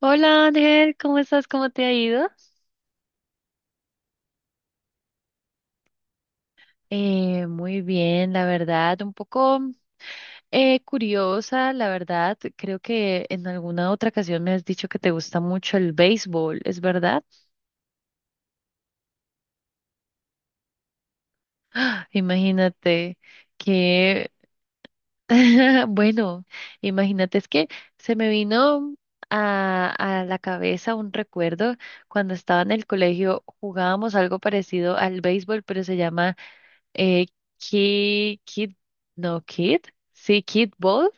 Hola Ángel, ¿cómo estás? ¿Cómo te ha ido? Muy bien, la verdad, un poco curiosa, la verdad. Creo que en alguna otra ocasión me has dicho que te gusta mucho el béisbol, ¿es verdad? ¡Ah! Imagínate que, bueno, imagínate, es que se me vino a la cabeza un recuerdo cuando estaba en el colegio. Jugábamos algo parecido al béisbol, pero se llama Eh, Kid, Kid, no, Kid, sí, Kid Ball.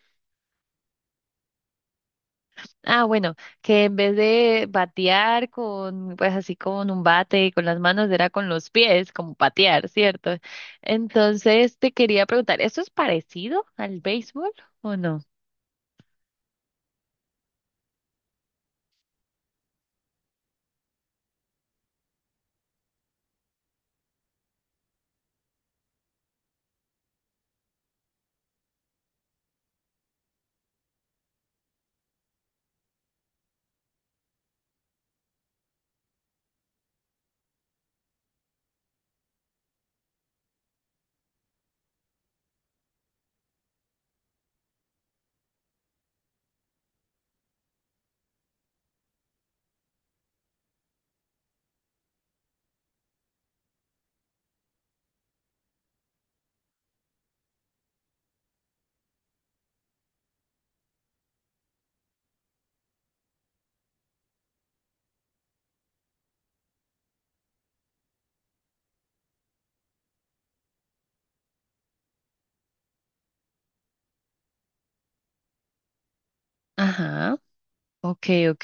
Ah, bueno, que en vez de batear con, pues así con un bate con las manos, era con los pies, como patear, ¿cierto? Entonces te quería preguntar, ¿esto es parecido al béisbol o no? Ajá, ok, ok.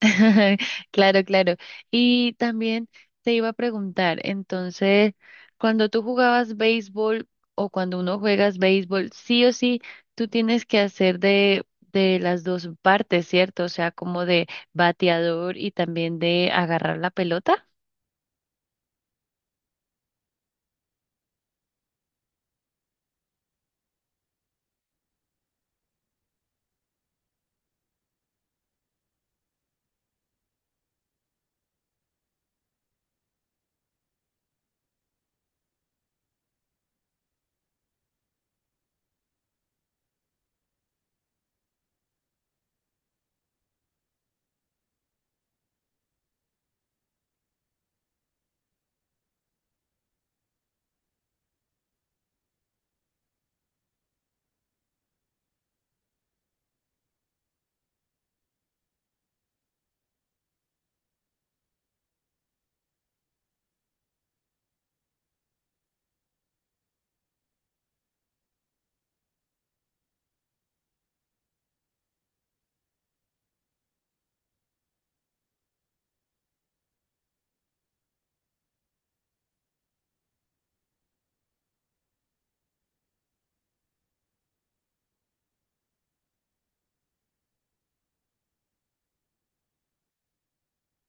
Claro, claro. Y también te iba a preguntar, entonces, cuando tú jugabas béisbol o cuando uno juegas béisbol, sí o sí, tú tienes que hacer de, las dos partes, ¿cierto? O sea, como de bateador y también de agarrar la pelota.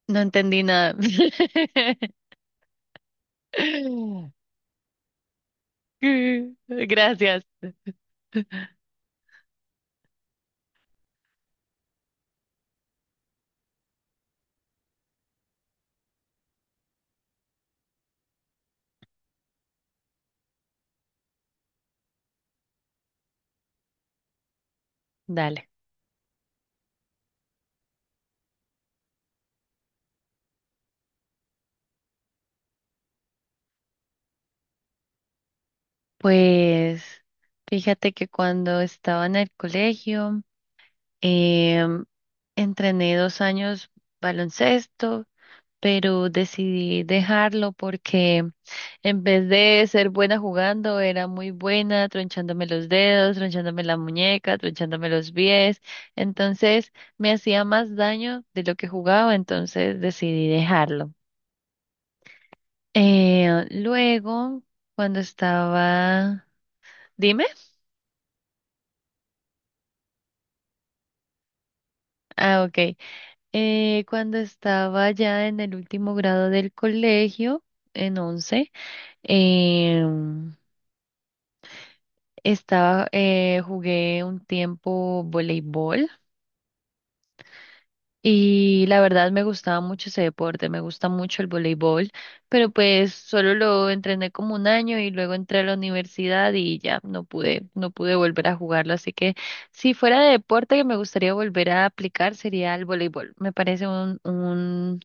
No entendí nada. Gracias. Dale. Pues fíjate que cuando estaba en el colegio, Em, entrené 2 años baloncesto, pero decidí dejarlo porque en vez de ser buena jugando, era muy buena tronchándome los dedos, tronchándome la muñeca, tronchándome los pies. Entonces me hacía más daño de lo que jugaba, entonces decidí dejarlo. Luego, cuando estaba... Dime. Ah, ok. Cuando estaba ya en el último grado del colegio, en 11, em, jugué un tiempo voleibol y la verdad me gustaba mucho ese deporte, me gusta mucho el voleibol, pero pues solo lo entrené como un año y luego entré a la universidad y ya no pude volver a jugarlo, así que si fuera de deporte que me gustaría volver a aplicar sería el voleibol. Me parece un, un,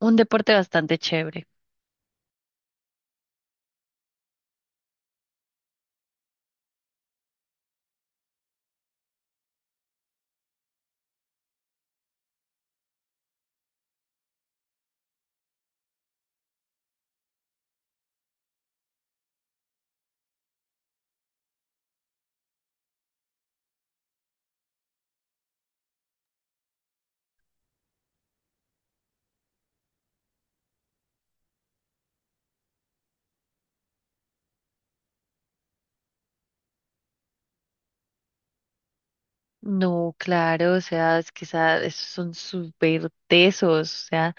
un deporte bastante chévere. No, claro, o sea, es que esos son súper tesos, o sea,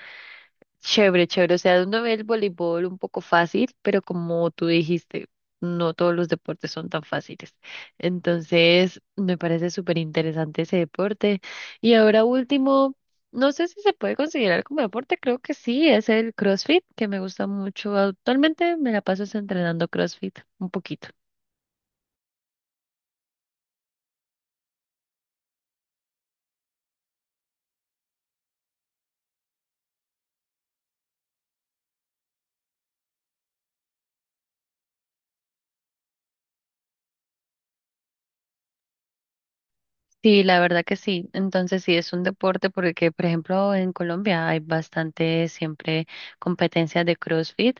chévere, chévere, o sea, uno ve el voleibol un poco fácil, pero como tú dijiste, no todos los deportes son tan fáciles. Entonces, me parece súper interesante ese deporte. Y ahora último, no sé si se puede considerar como deporte, creo que sí, es el CrossFit, que me gusta mucho. Actualmente me la paso es entrenando CrossFit un poquito. Sí, la verdad que sí. Entonces sí es un deporte porque, por ejemplo, en Colombia hay bastante siempre competencias de CrossFit.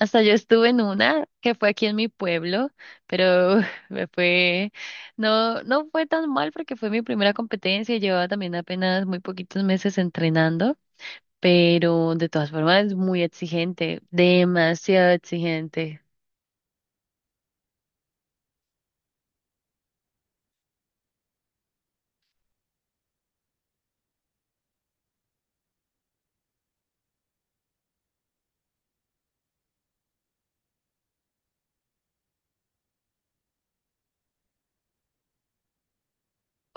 Hasta yo estuve en una que fue aquí en mi pueblo, pero me fue, no, no fue tan mal porque fue mi primera competencia. Llevaba también apenas muy poquitos meses entrenando, pero de todas formas es muy exigente, demasiado exigente.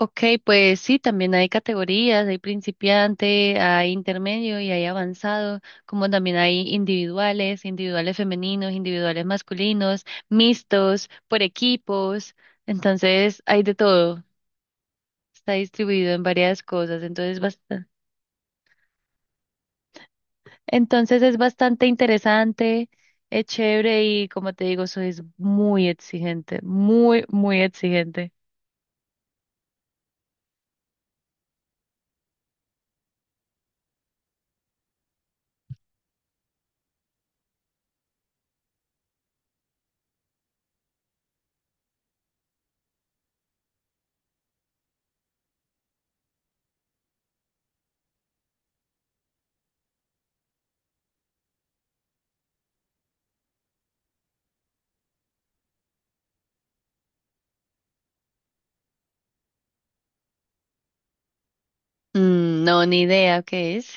Ok, pues sí, también hay categorías, hay principiante, hay intermedio y hay avanzado, como también hay individuales, individuales femeninos, individuales masculinos, mixtos, por equipos, entonces hay de todo, está distribuido en varias cosas, entonces, entonces es bastante interesante, es chévere y como te digo, soy muy exigente, muy, muy exigente. Mm, no, ni idea qué es.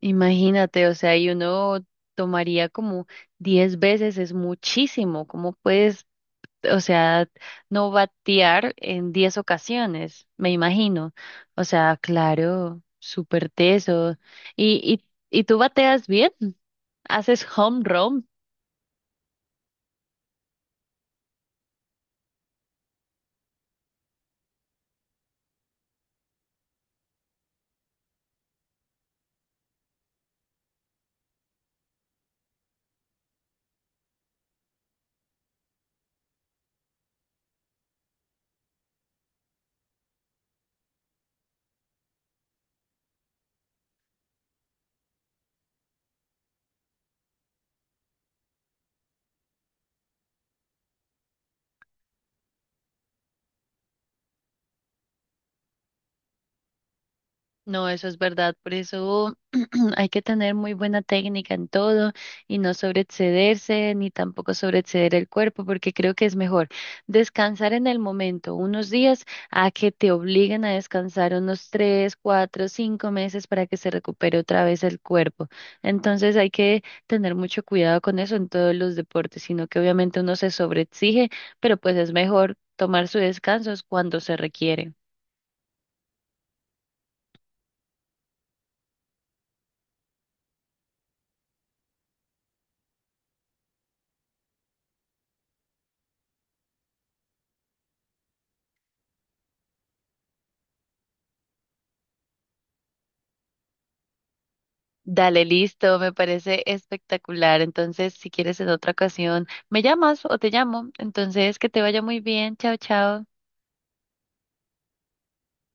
Imagínate, o sea, y uno tomaría como 10 veces, es muchísimo. ¿Cómo puedes, o sea, no batear en 10 ocasiones? Me imagino. O sea, claro, súper teso. ¿Y, y tú bateas bien? ¿Haces home run? No, eso es verdad. Por eso hay que tener muy buena técnica en todo y no sobreexcederse ni tampoco sobreexceder el cuerpo, porque creo que es mejor descansar en el momento unos días a que te obliguen a descansar unos 3, 4, 5 meses para que se recupere otra vez el cuerpo. Entonces hay que tener mucho cuidado con eso en todos los deportes, sino que obviamente uno se sobreexige, pero pues es mejor tomar sus descansos cuando se requieren. Dale, listo, me parece espectacular. Entonces, si quieres en otra ocasión, me llamas o te llamo. Entonces, que te vaya muy bien. Chao, chao.